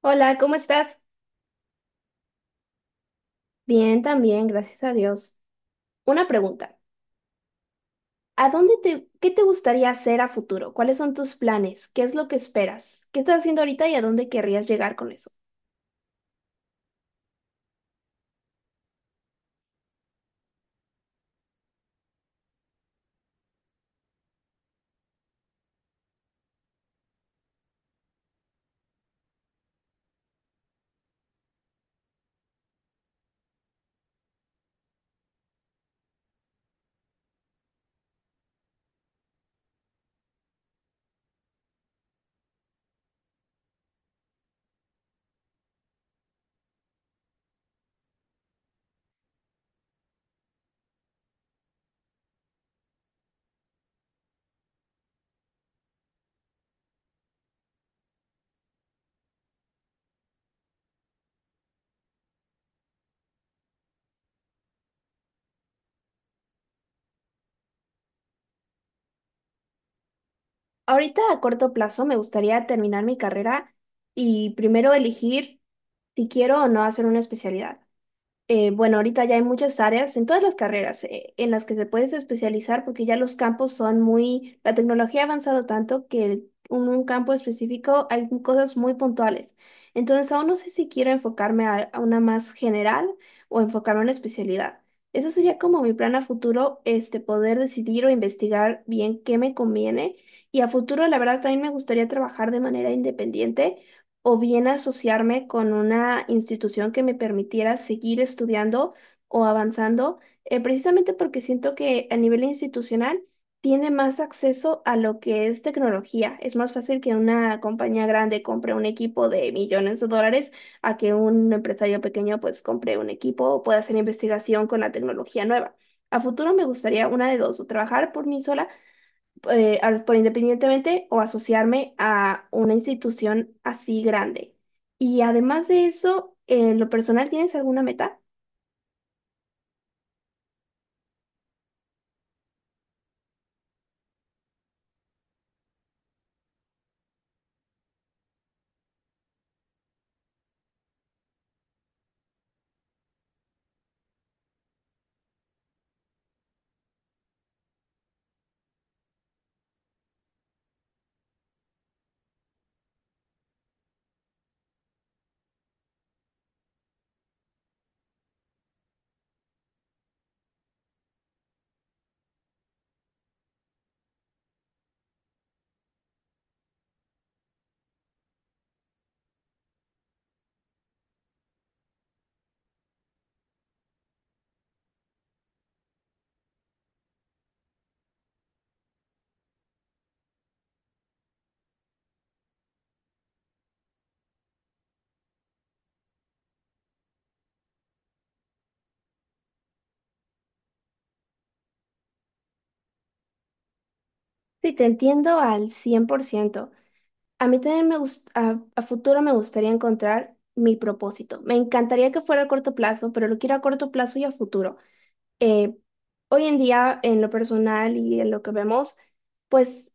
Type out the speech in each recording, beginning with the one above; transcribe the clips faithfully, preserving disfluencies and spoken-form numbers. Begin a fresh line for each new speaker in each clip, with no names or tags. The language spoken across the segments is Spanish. Hola, ¿cómo estás? Bien, también, gracias a Dios. Una pregunta. ¿A dónde te, qué te gustaría hacer a futuro? ¿Cuáles son tus planes? ¿Qué es lo que esperas? ¿Qué estás haciendo ahorita y a dónde querrías llegar con eso? Ahorita a corto plazo me gustaría terminar mi carrera y primero elegir si quiero o no hacer una especialidad. Eh, bueno, ahorita ya hay muchas áreas en todas las carreras eh, en las que te puedes especializar porque ya los campos son muy, la tecnología ha avanzado tanto que en un campo específico hay cosas muy puntuales. Entonces, aún no sé si quiero enfocarme a, a una más general o enfocarme a una especialidad. Ese sería como mi plan a futuro, este, poder decidir o investigar bien qué me conviene. Y a futuro, la verdad, también me gustaría trabajar de manera independiente o bien asociarme con una institución que me permitiera seguir estudiando o avanzando, eh, precisamente porque siento que a nivel institucional tiene más acceso a lo que es tecnología. Es más fácil que una compañía grande compre un equipo de millones de dólares a que un empresario pequeño pues compre un equipo o pueda hacer investigación con la tecnología nueva. A futuro me gustaría una de dos, o trabajar por mí sola eh, al- por independientemente o asociarme a una institución así grande. Y además de eso, en lo personal, ¿tienes alguna meta? Sí, te entiendo al cien por ciento. A mí también me gust- a, a futuro me gustaría encontrar mi propósito. Me encantaría que fuera a corto plazo, pero lo quiero a corto plazo y a futuro. Eh, Hoy en día, en lo personal y en lo que vemos, pues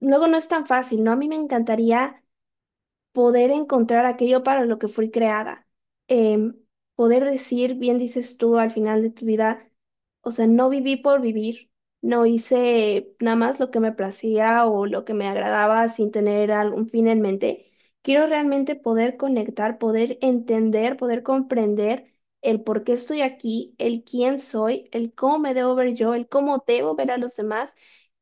luego no es tan fácil, ¿no? A mí me encantaría poder encontrar aquello para lo que fui creada, em, poder decir, bien dices tú al final de tu vida, o sea, no viví por vivir, no hice nada más lo que me placía o lo que me agradaba sin tener algún fin en mente. Quiero realmente poder conectar, poder entender, poder comprender el por qué estoy aquí, el quién soy, el cómo me debo ver yo, el cómo debo ver a los demás.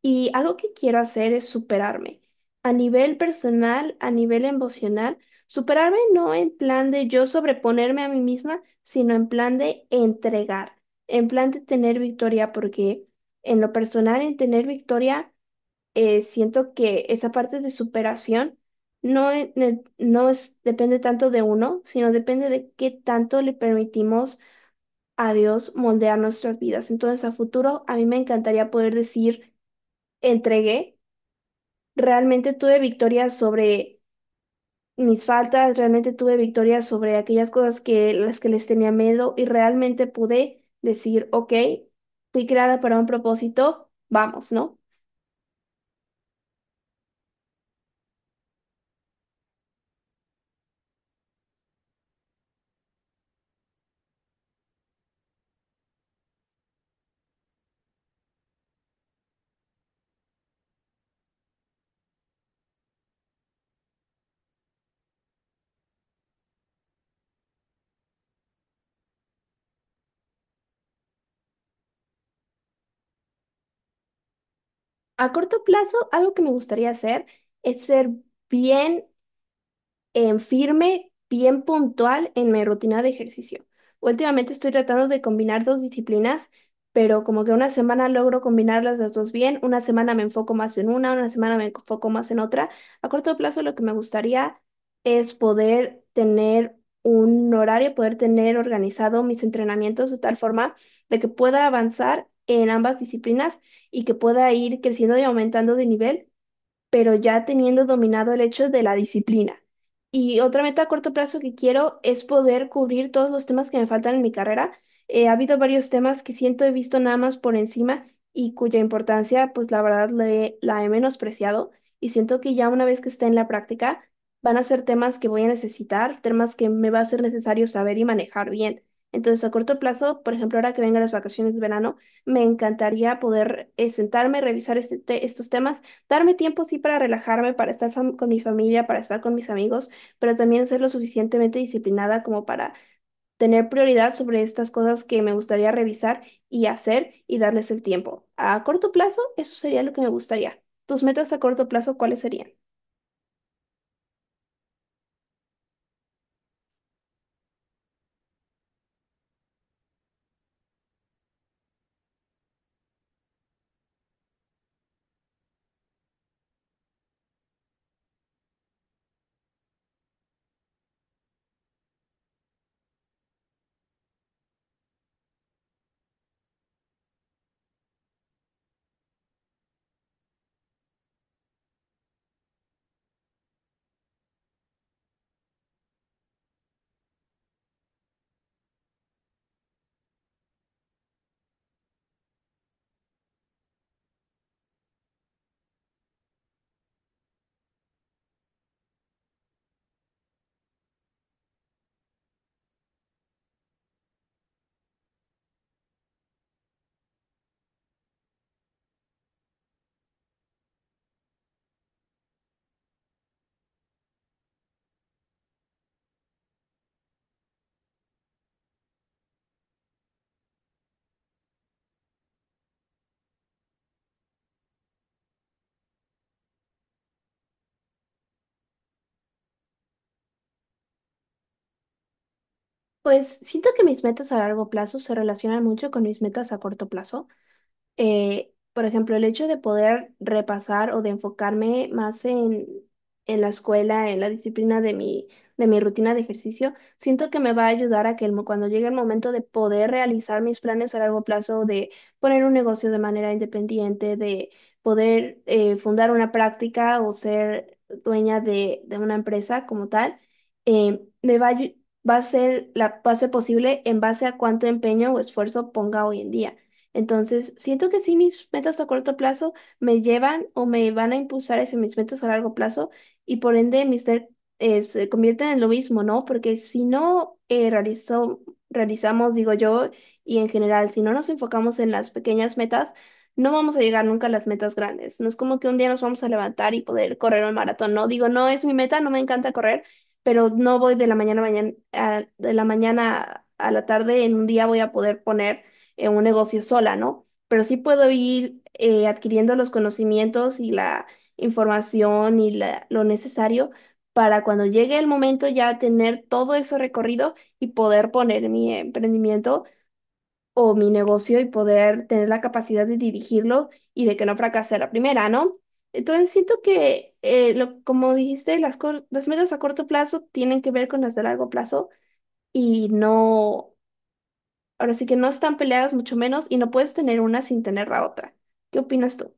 Y algo que quiero hacer es superarme a nivel personal, a nivel emocional, superarme no en plan de yo sobreponerme a mí misma, sino en plan de entregar, en plan de tener victoria, porque en lo personal, en tener victoria, eh, siento que esa parte de superación no, e- ne- no es, depende tanto de uno, sino depende de qué tanto le permitimos a Dios moldear nuestras vidas. Entonces, a futuro, a mí me encantaría poder decir, entregué, realmente tuve victoria sobre mis faltas, realmente tuve victoria sobre aquellas cosas que las que les tenía miedo y realmente pude decir, ok, fui creada para un propósito, vamos, ¿no? A corto plazo, algo que me gustaría hacer es ser bien em, firme, bien puntual en mi rutina de ejercicio. Últimamente estoy tratando de combinar dos disciplinas, pero como que una semana logro combinarlas las dos bien, una semana me enfoco más en una, una semana me enfoco más en otra. A corto plazo lo que me gustaría es poder tener un horario, poder tener organizado mis entrenamientos de tal forma de que pueda avanzar en ambas disciplinas y que pueda ir creciendo y aumentando de nivel, pero ya teniendo dominado el hecho de la disciplina. Y otra meta a corto plazo que quiero es poder cubrir todos los temas que me faltan en mi carrera. Eh, ha habido varios temas que siento he visto nada más por encima y cuya importancia, pues la verdad, le- la he menospreciado. Y siento que ya una vez que esté en la práctica, van a ser temas que voy a necesitar, temas que me va a ser necesario saber y manejar bien. Entonces, a corto plazo, por ejemplo, ahora que vengan las vacaciones de verano, me encantaría poder eh, sentarme, revisar este te- estos temas. Darme tiempo, sí, para relajarme, para estar fam- con mi familia, para estar con mis amigos, pero también ser lo suficientemente disciplinada como para tener prioridad sobre estas cosas que me gustaría revisar y hacer y darles el tiempo. A corto plazo, eso sería lo que me gustaría. ¿Tus metas a corto plazo cuáles serían? Pues siento que mis metas a largo plazo se relacionan mucho con mis metas a corto plazo. eh, por ejemplo, el hecho de poder repasar o de enfocarme más en, en la escuela, en la disciplina de mi, de mi rutina de ejercicio, siento que me va a ayudar a que el mo- cuando llegue el momento de poder realizar mis planes a largo plazo, de poner un negocio de manera independiente, de poder eh, fundar una práctica o ser dueña de, de una empresa como tal, eh, me va a, ayu- va a ser la, va a ser posible en base a cuánto empeño o esfuerzo ponga hoy en día. Entonces, siento que sí, mis metas a corto plazo me llevan o me van a impulsar hacia mis metas a largo plazo y por ende mis metas se convierten en lo mismo, ¿no? Porque si no eh, realizo- realizamos, digo yo, y en general, si no nos enfocamos en las pequeñas metas, no vamos a llegar nunca a las metas grandes. No es como que un día nos vamos a levantar y poder correr un maratón, ¿no? Digo, no es mi meta, no me encanta correr, pero no voy de la mañana a mañana, a- de la mañana a la tarde, en un día voy a poder poner en un negocio sola, ¿no? Pero sí puedo ir eh, adquiriendo los conocimientos y la información y la- lo necesario para cuando llegue el momento ya tener todo eso recorrido y poder poner mi emprendimiento o mi negocio y poder tener la capacidad de dirigirlo y de que no fracase a la primera, ¿no? Entonces siento que, eh, lo, como dijiste, las, cor- las metas a corto plazo tienen que ver con las de largo plazo. Y no, Ahora sí que no están peleadas, mucho menos, y no puedes tener una sin tener la otra. ¿Qué opinas tú?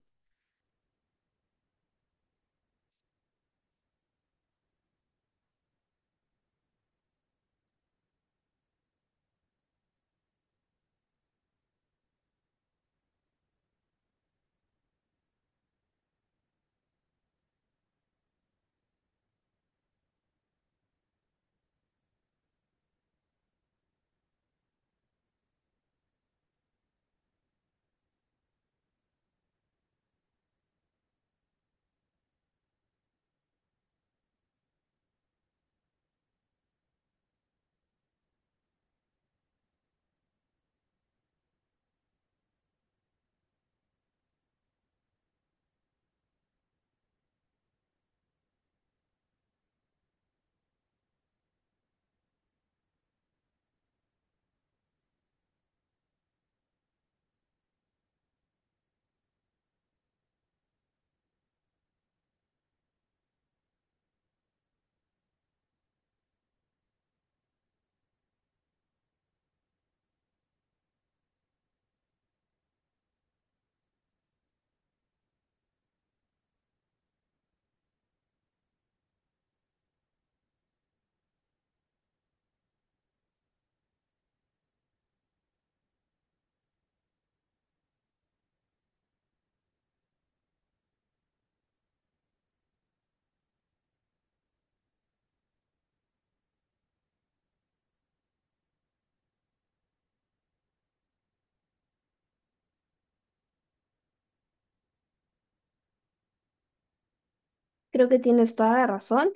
Creo que tienes toda la razón.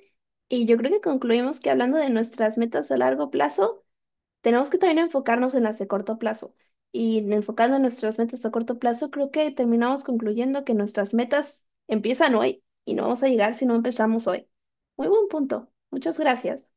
Y yo creo que concluimos que hablando de nuestras metas a largo plazo, tenemos que también enfocarnos en las de corto plazo. Y enfocando en nuestras metas a corto plazo, creo que terminamos concluyendo que nuestras metas empiezan hoy y no vamos a llegar si no empezamos hoy. Muy buen punto. Muchas gracias.